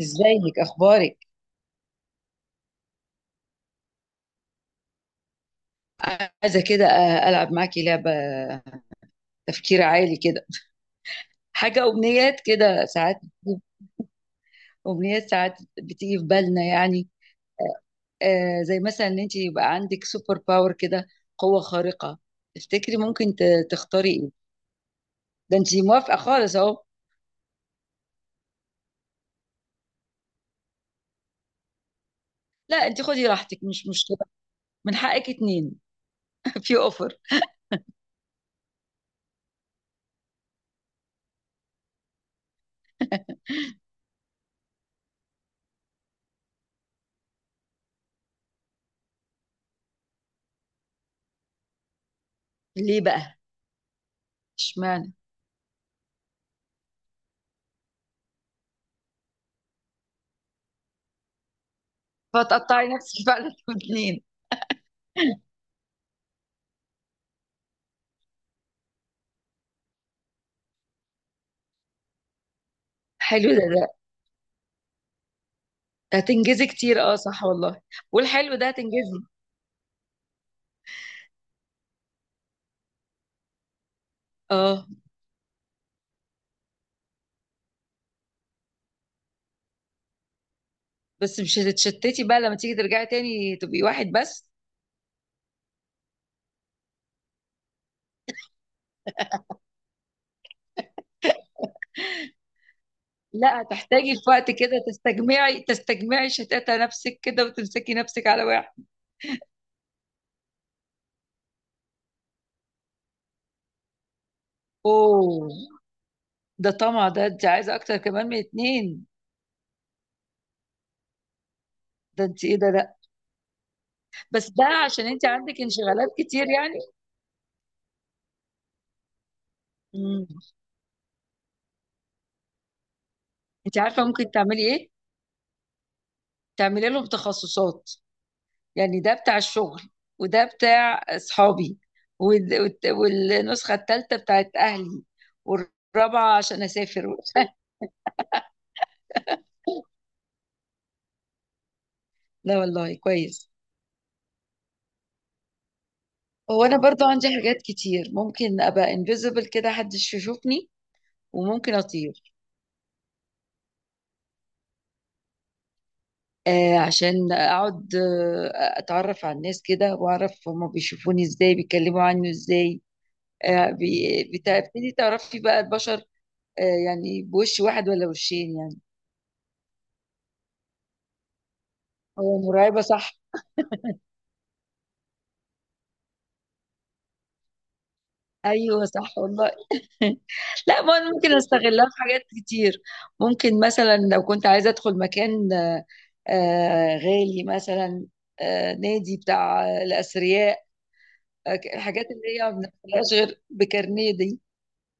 ازيك، اخبارك؟ عايزه كده العب معاكي لعبه. تفكير عالي كده. حاجه، امنيات كده ساعات امنيات ساعات بتيجي في بالنا يعني. آه، زي مثلا ان انت يبقى عندك سوبر باور كده. قوه خارقه. تفتكري ممكن تختاري ايه؟ ده انت موافقه خالص اهو. لا، انت خدي راحتك، مش مشكله. من حقك اتنين. في اوفر. ليه بقى؟ اشمعنى؟ فتقطعي نفسك فعلا في اتنين؟ حلو ده. هتنجزي كتير، اه، صح والله. والحلو ده هتنجزي. اه، بس مش هتتشتتي بقى لما تيجي ترجعي تاني تبقي واحد بس؟ لا، هتحتاجي في وقت كده تستجمعي شتاتة نفسك كده وتمسكي نفسك على واحد. اوه. ده طمع، ده انت عايزة اكتر كمان من اتنين. ده انت ايه ده؟ لا. بس ده عشان انت عندك انشغالات كتير يعني. مم. انت عارفة ممكن تعملي ايه؟ تعملي لهم تخصصات. يعني ده بتاع الشغل. وده بتاع اصحابي. والنسخة التالتة بتاعت اهلي. والرابعة عشان اسافر. لا والله، كويس. هو انا برضو عندي حاجات كتير، ممكن ابقى انفيزبل كده محدش يشوفني. وممكن اطير. آه، عشان اقعد اتعرف على الناس كده، واعرف هما بيشوفوني ازاي، بيتكلموا عني ازاي. بتبتدي تعرفي بقى البشر. يعني بوش واحد ولا وشين يعني. هو مرعبة صح؟ ايوه، صح والله. لا، ما أنا ممكن استغلها في حاجات كتير. ممكن مثلا لو كنت عايزه ادخل مكان، غالي مثلا. نادي بتاع الاثرياء. الحاجات اللي هي ما بندخلهاش غير بكارنيه دي.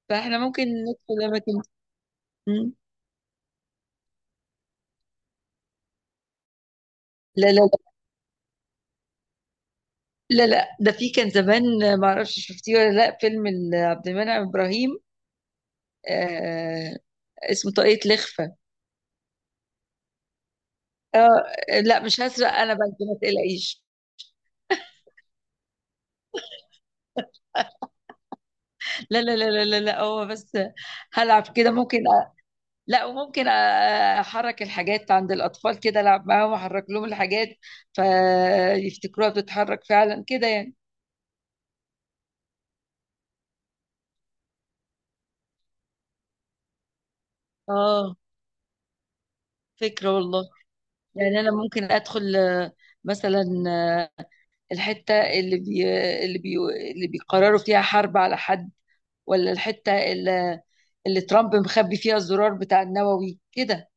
فاحنا ممكن ندخل اماكن. مم. لا، لا، لا، لا، لا، ده في كان زمان، ما اعرفش شفتيه ولا لا فيلم عبد المنعم ابراهيم. آه اسمه طاقية لخفة. آه، لا، مش هسرق انا بنك، ما تقلقيش. لا، لا، لا، لا، لا، لا، هو بس هلعب كده ممكن. لا، وممكن احرك الحاجات عند الاطفال كده، العب معاهم، احرك لهم الحاجات. فيفتكروها بتتحرك فعلا كده يعني. اه، فكرة والله. يعني انا ممكن ادخل، آه، مثلا، آه، الحتة اللي بي اللي بيقرروا فيها حرب على حد، ولا الحتة اللي ترامب مخبي فيها الزرار بتاع النووي كده.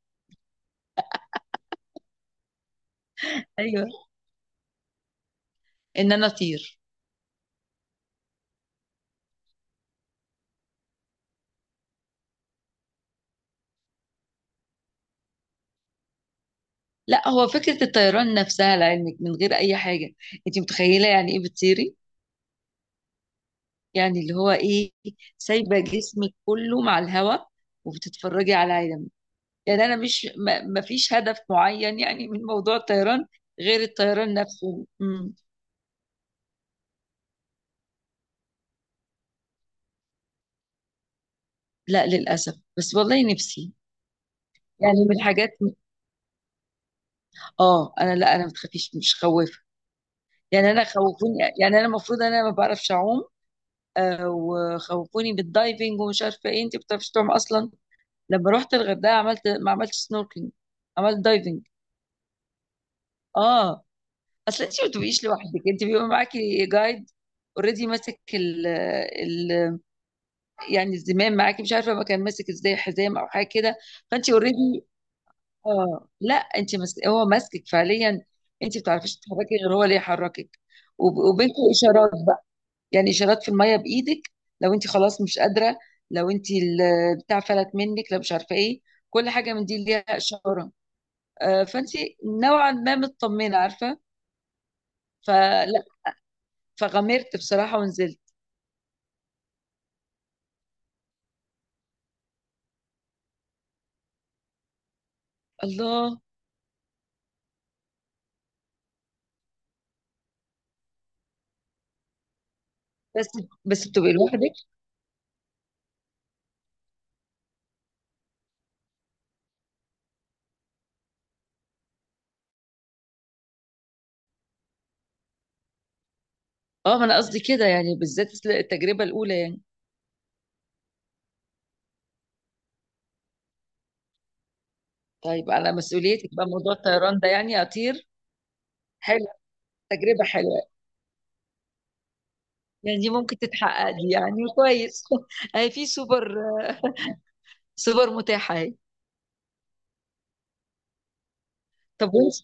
ايوه، ان انا اطير. لا، هو فكرة الطيران نفسها لعلمك من غير اي حاجة. انت متخيلة يعني ايه بتطيري؟ يعني اللي هو ايه؟ سايبه جسمك كله مع الهواء، وبتتفرجي على العالم. يعني انا مش ما فيش هدف معين يعني من موضوع الطيران، غير الطيران نفسه. مم. لا، للاسف، بس والله نفسي. يعني من الحاجات، اه، انا، لا، انا ما بتخافيش، مش خوافه. يعني انا خوفوني، يعني انا المفروض انا ما بعرفش اعوم، وخوفوني بالدايفنج ومش عارفه ايه، انت ما بتعرفيش تعوم اصلا؟ لما رحت الغردقه، عملت، ما عملتش سنوركلينج. عملت دايفنج. اه، اصل انت ما بتبقيش لوحدك، انت بيبقى معاكي جايد. اوريدي ماسك ال يعني الزمام معاكي، مش عارفه ما كان ماسك ازاي، حزام او حاجه كده. فانت اوريدي، اه، لا، انت ماسك، هو ماسكك فعليا. انت ما بتعرفيش تتحركي غير هو اللي يحركك. وبينكم اشارات بقى. يعني اشارات في الميه بايدك. لو انت خلاص مش قادره، لو انت بتاع فلت منك، لو مش عارفه ايه، كل حاجه من دي ليها اشاره. فانت نوعا ما مطمنه، عارفه. فلا. فغمرت بصراحه ونزلت. الله. بس بس بتبقي لوحدك. اه، ما انا قصدي كده يعني، بالذات التجربه الاولى يعني. طيب، على مسؤوليتك بقى موضوع الطيران ده، يعني اطير. حلو. تجربه حلوه. يعني دي ممكن تتحقق دي، يعني كويس. اهي في سوبر، سوبر متاحه اهي. طب وانت؟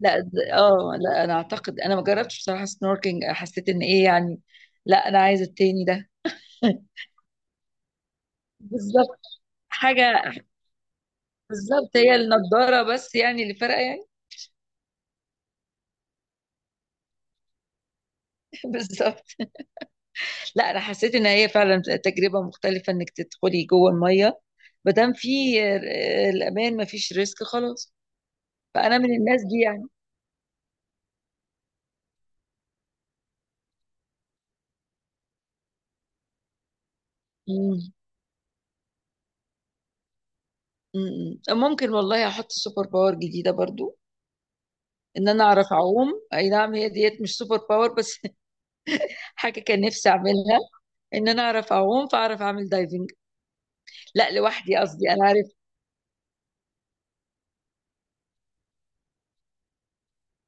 لا، اه، لا، انا اعتقد انا ما جربتش بصراحه سنوركينج، حسيت ان ايه يعني. لا، انا عايزه التاني ده. بالظبط. حاجه. بالظبط هي النضاره بس يعني اللي فارقه يعني. بالظبط. لا، انا حسيت ان هي فعلا تجربه مختلفه انك تدخلي جوه الميه. ما دام في الامان، ما فيش ريسك خلاص. فانا من الناس دي يعني. مم. مم. ممكن والله احط سوبر باور جديده برضو. ان انا اعرف اعوم، اي نعم هي ديت مش سوبر باور بس. حاجه كان نفسي اعملها. ان انا اعرف اعوم فاعرف اعمل دايفنج. لا، لوحدي قصدي، انا عارف.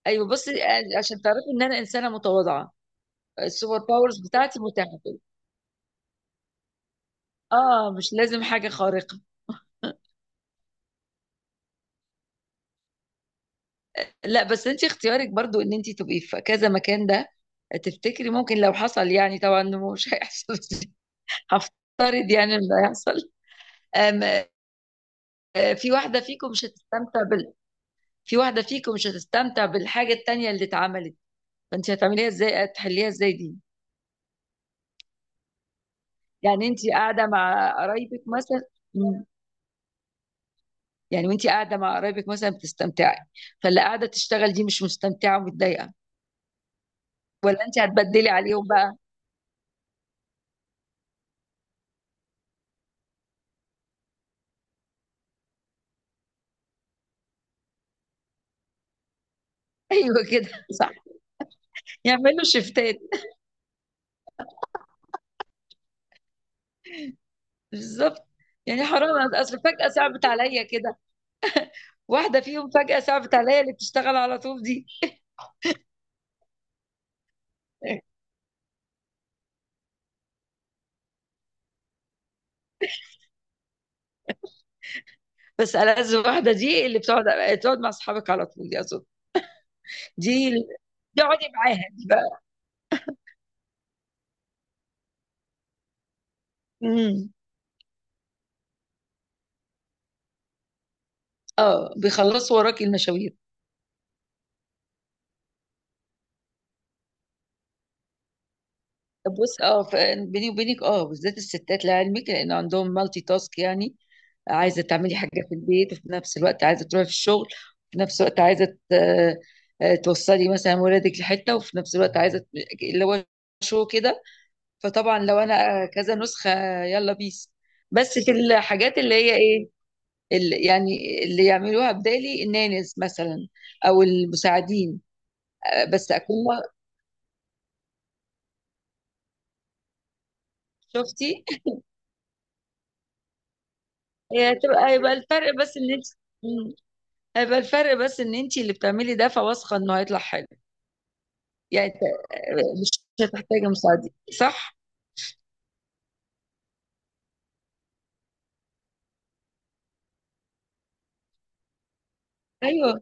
ايوه، بصي. عشان تعرفي ان انا انسانه متواضعه. السوبر باورز بتاعتي متاحه. اه، مش لازم حاجه خارقه. لا بس انت اختيارك برضو ان انت تبقي في كذا مكان ده. تفتكري ممكن لو حصل، يعني طبعا إنه مش هيحصل؟ هفترض يعني انه هيحصل. أم. آه، في واحده فيكم مش هتستمتع بال في واحده فيكم مش هتستمتع بالحاجه التانيه اللي اتعملت. فانت هتعمليها ازاي، هتحليها ازاي دي؟ يعني انت قاعده مع قرايبك مثلا. مم. يعني وانت قاعده مع قرايبك مثلا بتستمتعي. فاللي قاعده تشتغل دي مش مستمتعه ومتضايقه. ولا انت هتبدلي عليهم بقى؟ ايوه، كده صح. يعملوا شيفتات. بالظبط. يعني حرام، اصل فجأة صعبت عليا كده. واحدة فيهم فجأة صعبت عليا، اللي بتشتغل على طول دي. بس ألذ واحدة دي اللي بتقعد مع اصحابك على طول دي اظن. دي اللي- دي اقعدي معاها دي بقى. امم. اه، بيخلصوا وراكي المشاوير. بص، اه، بيني وبينك، اه، بالذات الستات لعلمك لان عندهم مالتي تاسك يعني. عايزه تعملي حاجه في البيت وفي نفس الوقت عايزه تروحي في الشغل. وفي نفس الوقت عايزه توصلي مثلا ولادك لحته، وفي نفس الوقت عايزه ت- اللي هو شو كده. فطبعا لو انا كذا نسخه. يلا بيس. بس في الحاجات اللي هي ايه؟ اللي يعني اللي يعملوها بدالي النانز مثلا، او المساعدين. بس اكون. شفتي؟ هي يبقى الفرق بس ان انت، هيبقى الفرق بس ان انت اللي بتعملي ده فواثقه انه هيطلع حلو. يعني مش هتحتاجي مساعدين. صح؟ ايوه.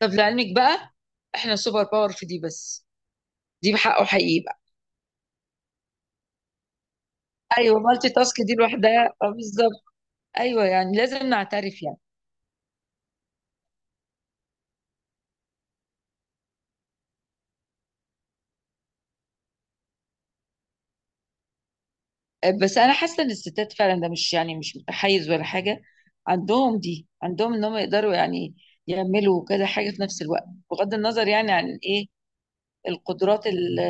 طب لعلمك بقى، احنا سوبر باور في دي بس. دي بحقه حقيقي بقى. ايوه، مالتي تاسك دي لوحدها، بالظبط. ايوه، يعني لازم نعترف يعني. بس انا حاسه ان الستات فعلا ده، مش يعني مش متحيز ولا حاجه، عندهم دي، عندهم ان هم يقدروا يعني يعملوا كذا حاجه في نفس الوقت، بغض النظر يعني عن ايه، القدرات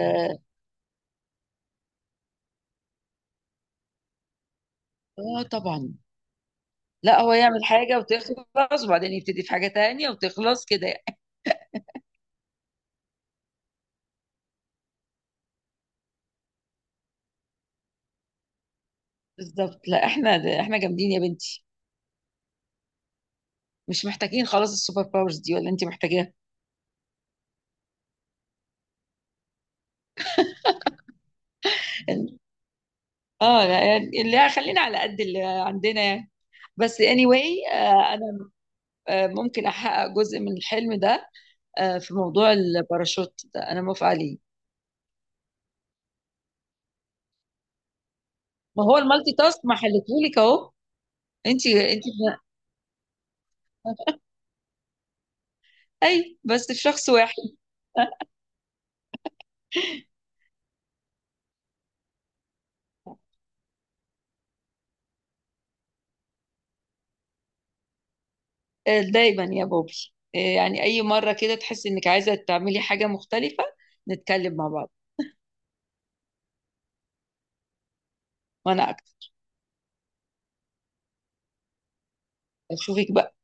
اه، طبعا. لا، هو يعمل حاجة وتخلص وبعدين يبتدي في حاجة تانية وتخلص كده يعني. بالظبط، لا احنا ده احنا جامدين يا بنتي. مش محتاجين خلاص السوبر باورز دي، ولا انت محتاجاها. اه، لا يعني اللي خلينا على قد اللي عندنا يعني. بس anyway، انا ممكن احقق جزء من الحلم ده. في موضوع الباراشوت ده انا موافقة عليه. ما هو المالتي تاسك ما حلتهولك اهو. انت اي، بس في شخص واحد. آه، دايما يا بوبي، يعني أي مرة كده تحس إنك عايزة تعملي حاجة مختلفة، نتكلم مع بعض. وأنا أكتر. أشوفك بقى.